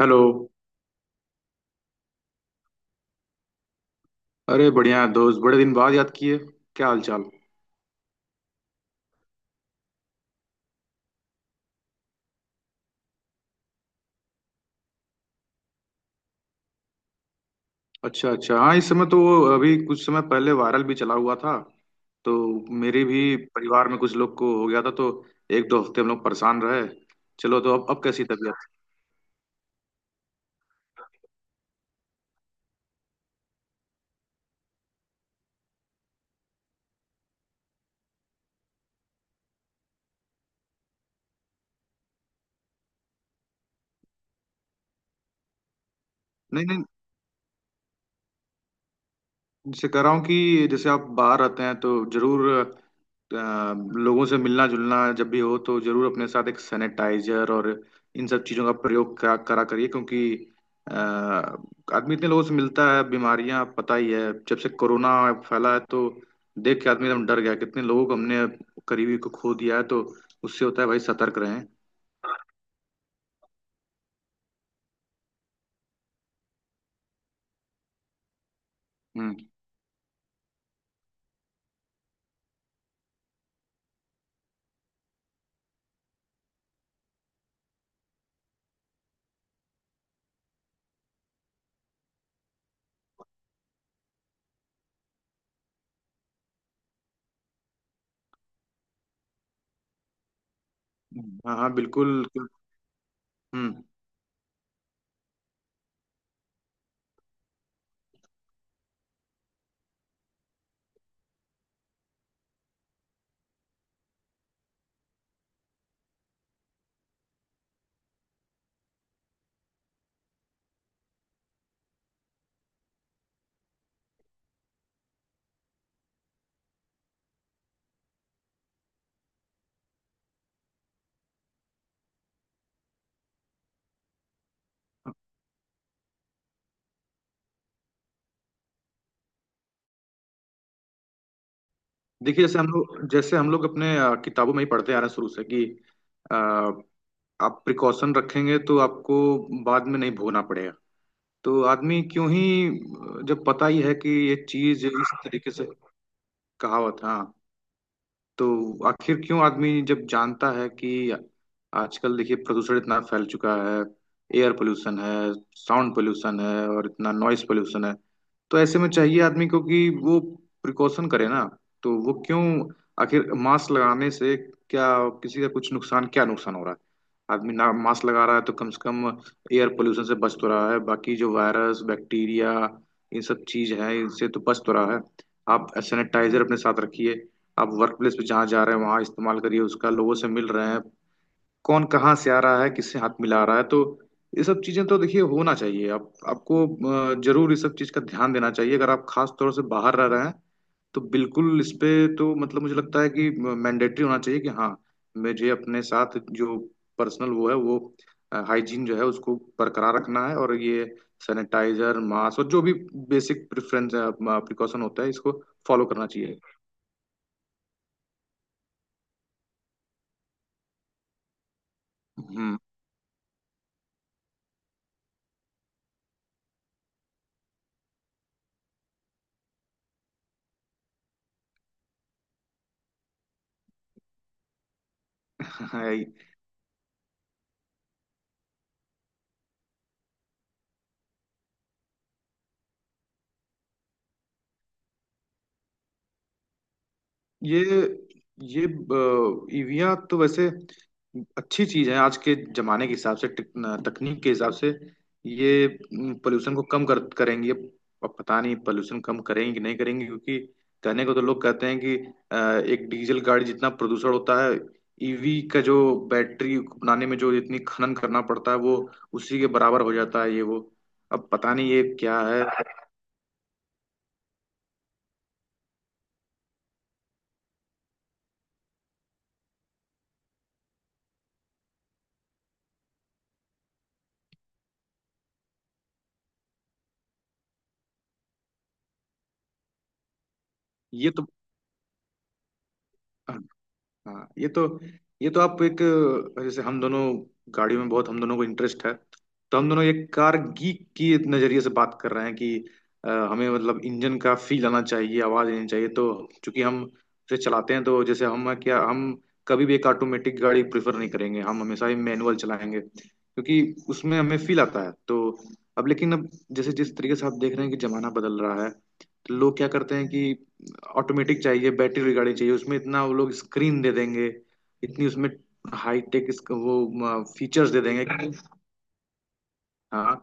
Hello. अरे बढ़िया है दोस्त, बड़े दिन बाद याद किए। क्या हाल चाल। अच्छा अच्छा, हाँ इस समय तो वो अभी कुछ समय पहले वायरल भी चला हुआ था तो मेरे भी परिवार में कुछ लोग को हो गया था, तो एक दो हफ्ते हम लोग परेशान रहे। चलो, तो अब कैसी तबीयत। नहीं नहीं, उनसे कह रहा हूँ कि जैसे आप बाहर रहते हैं तो जरूर अ, लोगों से मिलना जुलना जब भी हो तो जरूर अपने साथ एक सैनिटाइजर और इन सब चीज़ों का प्रयोग करा करा करिए, क्योंकि अ, आदमी इतने लोगों से मिलता है, बीमारियां पता ही है। जब से कोरोना फैला है तो देख के आदमी एकदम डर गया, कितने लोगों को हमने करीबी को खो दिया है, तो उससे होता है भाई, सतर्क रहें। हम्म हाँ हाँ बिल्कुल। हम्म, देखिए जैसे हम लोग अपने किताबों में ही पढ़ते आ रहे हैं शुरू से कि आप प्रिकॉशन रखेंगे तो आपको बाद में नहीं भोगना पड़ेगा। तो आदमी क्यों ही जब पता ही है कि ये चीज इस तरीके से, कहावत, हाँ, तो आखिर क्यों आदमी जब जानता है कि आजकल देखिए प्रदूषण इतना फैल चुका है। एयर पोल्यूशन है, साउंड पोल्यूशन है और इतना नॉइस पोल्यूशन है, तो ऐसे में चाहिए आदमी को कि वो प्रिकॉशन करे ना। तो वो क्यों आखिर मास्क लगाने से क्या, किसी का कुछ नुकसान, क्या नुकसान हो रहा है। आदमी ना मास्क लगा रहा है तो कम से कम एयर पोल्यूशन से बच तो रहा है, बाकी जो वायरस बैक्टीरिया ये सब चीज है इनसे तो बच तो रहा है। आप सैनिटाइजर अपने साथ रखिए, आप वर्क प्लेस पे जहाँ जा रहे हैं वहां इस्तेमाल करिए उसका, लोगों से मिल रहे हैं, कौन कहाँ से आ रहा है किससे हाथ मिला रहा है, तो ये सब चीजें तो देखिए होना चाहिए। आप आपको जरूर इस सब चीज का ध्यान देना चाहिए, अगर आप खास तौर से बाहर रह रहे हैं तो बिल्कुल इस पे। तो मतलब मुझे लगता है कि मैंडेटरी होना चाहिए कि हाँ, मुझे अपने साथ जो पर्सनल वो है वो हाइजीन जो है उसको बरकरार रखना है, और ये सैनिटाइजर मास्क और जो भी बेसिक प्रिफरेंस प्रिकॉशन होता है इसको फॉलो करना चाहिए। हम्म। ये ये ईवीआं तो वैसे अच्छी चीज है आज के जमाने के हिसाब से, टेक- तकनीक के हिसाब से। ये पोल्यूशन को कम कर करेंगे, अब पता नहीं पोल्यूशन कम करेंगे कि नहीं करेंगे, क्योंकि कहने को तो लोग कहते हैं कि अ, एक डीजल गाड़ी जितना प्रदूषण होता है, ईवी का जो बैटरी बनाने में जो जितनी खनन करना पड़ता है वो उसी के बराबर हो जाता है ये वो, अब पता नहीं ये क्या है। ये तो, हाँ ये तो, ये तो आप एक, जैसे हम दोनों गाड़ियों में बहुत, हम दोनों को इंटरेस्ट है, तो हम दोनों एक कार गीक की नजरिए से बात कर रहे हैं कि हमें मतलब इंजन का फील आना चाहिए, आवाज आनी चाहिए। तो चूंकि हम उसे चलाते हैं तो जैसे हम, क्या हम कभी भी एक ऑटोमेटिक गाड़ी प्रेफर नहीं करेंगे, हम हमेशा ही मैनुअल चलाएंगे क्योंकि उसमें हमें फील आता है। तो अब, लेकिन अब जैसे जिस तरीके से आप देख रहे हैं कि जमाना बदल रहा है, तो लोग क्या करते हैं कि ऑटोमेटिक चाहिए, बैटरी रिगार्डिंग चाहिए, उसमें इतना वो लोग स्क्रीन दे देंगे, इतनी उसमें हाई टेक वो फीचर्स दे देंगे कि-। हाँ,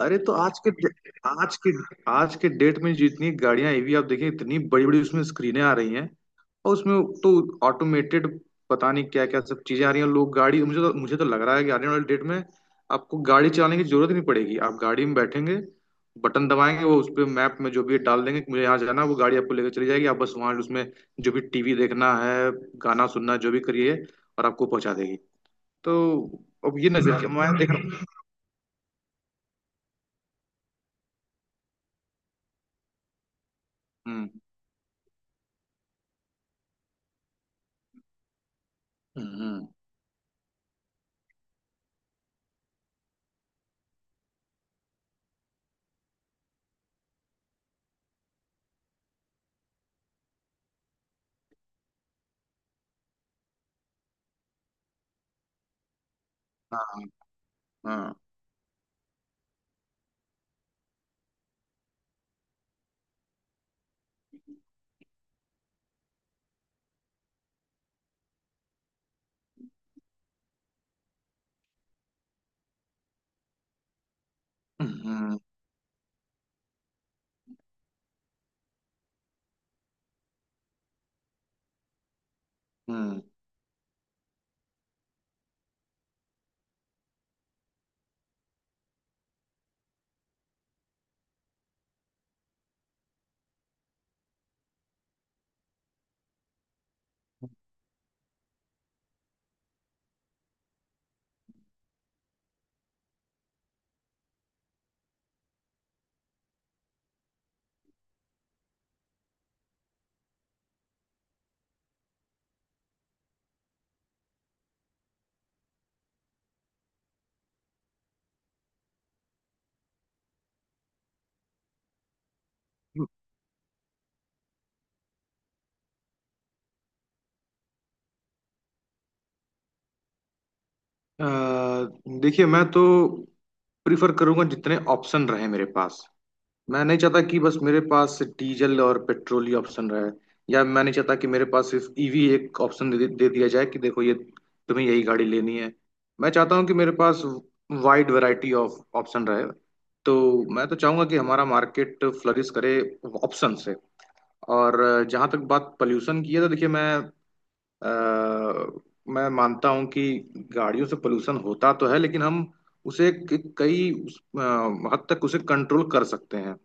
अरे तो आज के, आज के, आज के डेट में जितनी गाड़ियां ईवी आप देखिए, इतनी बड़ी बड़ी उसमें स्क्रीनें आ रही हैं, और उसमें तो ऑटोमेटेड पता नहीं क्या क्या सब चीजें आ रही हैं। लोग गाड़ी, मुझे तो लग रहा है कि आने वाले डेट में आपको गाड़ी चलाने की जरूरत ही नहीं पड़ेगी। आप गाड़ी में बैठेंगे, बटन दबाएंगे, वो उस पे मैप में जो भी डाल देंगे कि मुझे यहाँ जाना है, वो गाड़ी आपको लेकर चली जाएगी। आप बस वहाँ उसमें जो भी टीवी देखना है, गाना सुनना है, जो भी करिए, और आपको पहुंचा देगी। तो अब ये नजर मैं देख रहा हूँ। हम्म हम्म हम्म, हाँ हाँ। हम्म हम्म हम्म। अ, देखिए मैं तो प्रिफर करूंगा जितने ऑप्शन रहे मेरे पास। मैं नहीं चाहता कि बस मेरे पास डीजल और पेट्रोल ही ऑप्शन रहे, या मैं नहीं चाहता कि मेरे पास सिर्फ ईवी एक ऑप्शन दे, दे दिया जाए कि देखो ये तुम्हें यही गाड़ी लेनी है। मैं चाहता हूँ कि मेरे पास वाइड वैरायटी ऑफ ऑप्शन रहे। तो मैं तो चाहूंगा कि हमारा मार्केट फ्लरिश करे ऑप्शन से। और जहां तक बात पोल्यूशन की है तो देखिए, अ, मैं मानता हूं कि गाड़ियों से पोल्यूशन होता तो है, लेकिन हम उसे कई हद तक उसे कंट्रोल कर सकते हैं।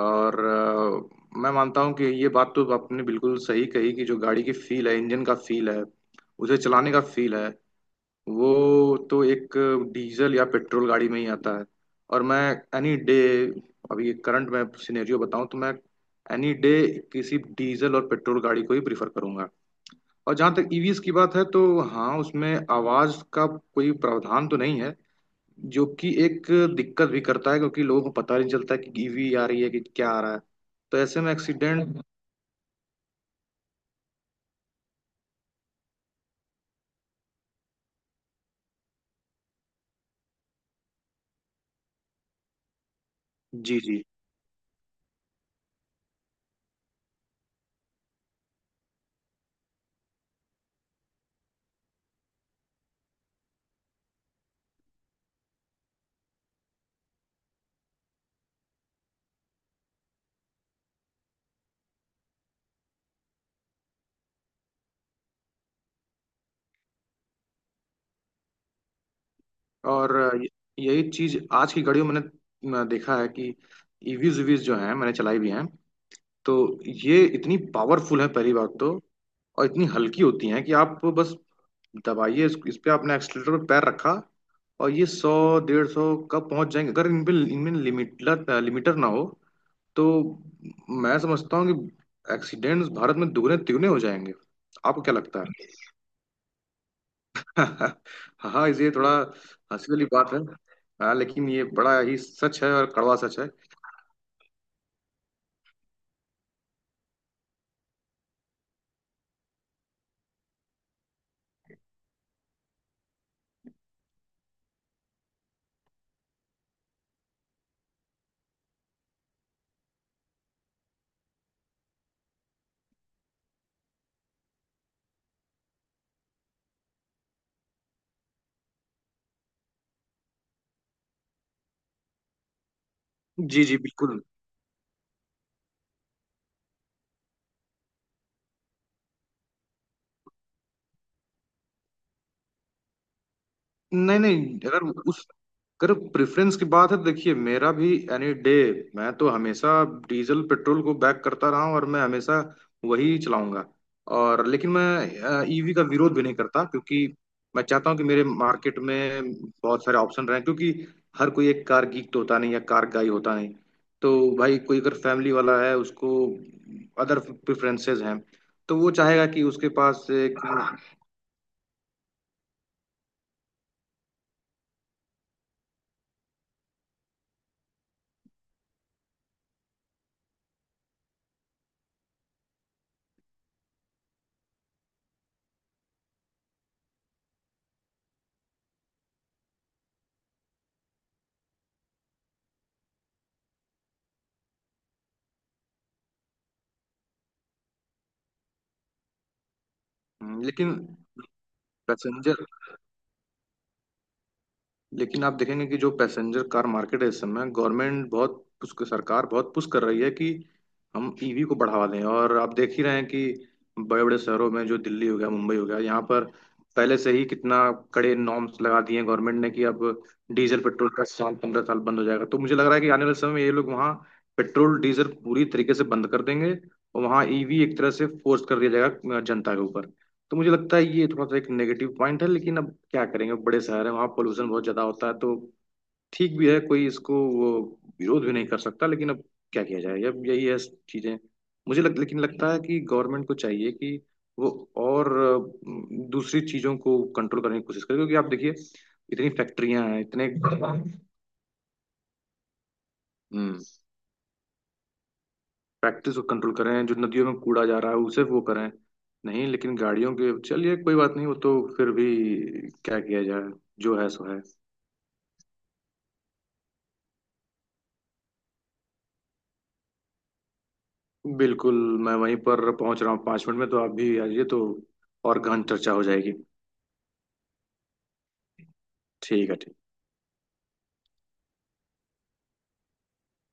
और मैं मानता हूं कि ये बात तो आपने बिल्कुल सही कही कि जो गाड़ी की फील है, इंजन का फील है, उसे चलाने का फील है, वो तो एक डीजल या पेट्रोल गाड़ी में ही आता है। और मैं एनी डे, अभी करंट में सिनेरियो बताऊं तो मैं एनी डे किसी डीजल और पेट्रोल गाड़ी को ही प्रीफर करूंगा। और जहां तक ईवीएस की बात है तो हाँ, उसमें आवाज का कोई प्रावधान तो नहीं है, जो कि एक दिक्कत भी करता है, क्योंकि लोगों को पता नहीं चलता कि ईवी आ रही है कि क्या आ रहा है, तो ऐसे में एक्सीडेंट। जी जी। और य- यही चीज आज की घड़ी में मैंने देखा है कि ईवीज वीज जो हैं मैंने चलाई भी हैं, तो ये इतनी पावरफुल है पहली बात तो, और इतनी हल्की होती हैं कि आप बस दबाइए। इस पे आपने एक्सीटर पे पैर रखा, और ये 100 150 कब पहुंच जाएंगे, अगर इन पे इनमें लिमिटर लिमिटर ना हो तो मैं समझता हूँ कि एक्सीडेंट्स भारत में दुगने तिगने हो जाएंगे। आपको क्या लगता है। हाँ इसलिए थोड़ा हंसी वाली बात है, हाँ, लेकिन ये बड़ा ही सच है और कड़वा सच है। जी जी बिल्कुल। नहीं नहीं, अगर उस अगर प्रेफरेंस की बात है तो देखिए, मेरा भी एनी डे, मैं तो हमेशा डीजल पेट्रोल को बैक करता रहा हूँ और मैं हमेशा वही चलाऊंगा। और, लेकिन मैं ईवी का विरोध भी नहीं करता, क्योंकि मैं चाहता हूँ कि मेरे मार्केट में बहुत सारे ऑप्शन रहें, क्योंकि हर कोई एक कार गीक तो होता नहीं या कार गाई होता नहीं। तो भाई कोई अगर फैमिली वाला है उसको अदर प्रेफरेंसेस हैं, तो वो चाहेगा कि उसके पास एक। लेकिन पैसेंजर, लेकिन आप देखेंगे कि जो पैसेंजर कार मार्केट है इस समय, गवर्नमेंट बहुत उसको, सरकार बहुत पुश कर रही है कि हम ईवी को बढ़ावा दें, और आप देख ही रहे हैं कि बड़े बड़े शहरों में, जो दिल्ली हो गया, मुंबई हो गया, यहाँ पर पहले से ही कितना कड़े नॉर्म्स लगा दिए हैं गवर्नमेंट ने कि अब डीजल पेट्रोल का इस्तेमाल 15 साल बंद हो जाएगा। तो मुझे लग रहा है कि आने वाले समय में ये लोग वहाँ पेट्रोल डीजल पूरी तरीके से बंद कर देंगे, और वहाँ ईवी एक तरह से फोर्स कर दिया जाएगा जनता के ऊपर। तो मुझे लगता है ये थोड़ा सा एक नेगेटिव पॉइंट है, लेकिन अब क्या करेंगे, बड़े शहर है वहाँ पोल्यूशन बहुत ज्यादा होता है तो ठीक भी है, कोई इसको वो विरोध भी नहीं कर सकता, लेकिन अब क्या किया जाए, अब यही है चीजें। लेकिन लगता है कि गवर्नमेंट को चाहिए कि वो और दूसरी चीजों को कंट्रोल करने की कोशिश करे, क्योंकि आप देखिए इतनी फैक्ट्रियां हैं, इतने। हम्म, फैक्ट्रीज को कंट्रोल करें, जो नदियों में कूड़ा जा रहा है उसे वो करें, नहीं लेकिन गाड़ियों के, चलिए कोई बात नहीं, वो तो फिर भी, क्या किया जाए, जो है सो है। बिल्कुल, मैं वहीं पर पहुंच रहा हूँ 5 मिनट में, तो आप भी आइए तो और गहन चर्चा हो जाएगी। ठीक है ठीक।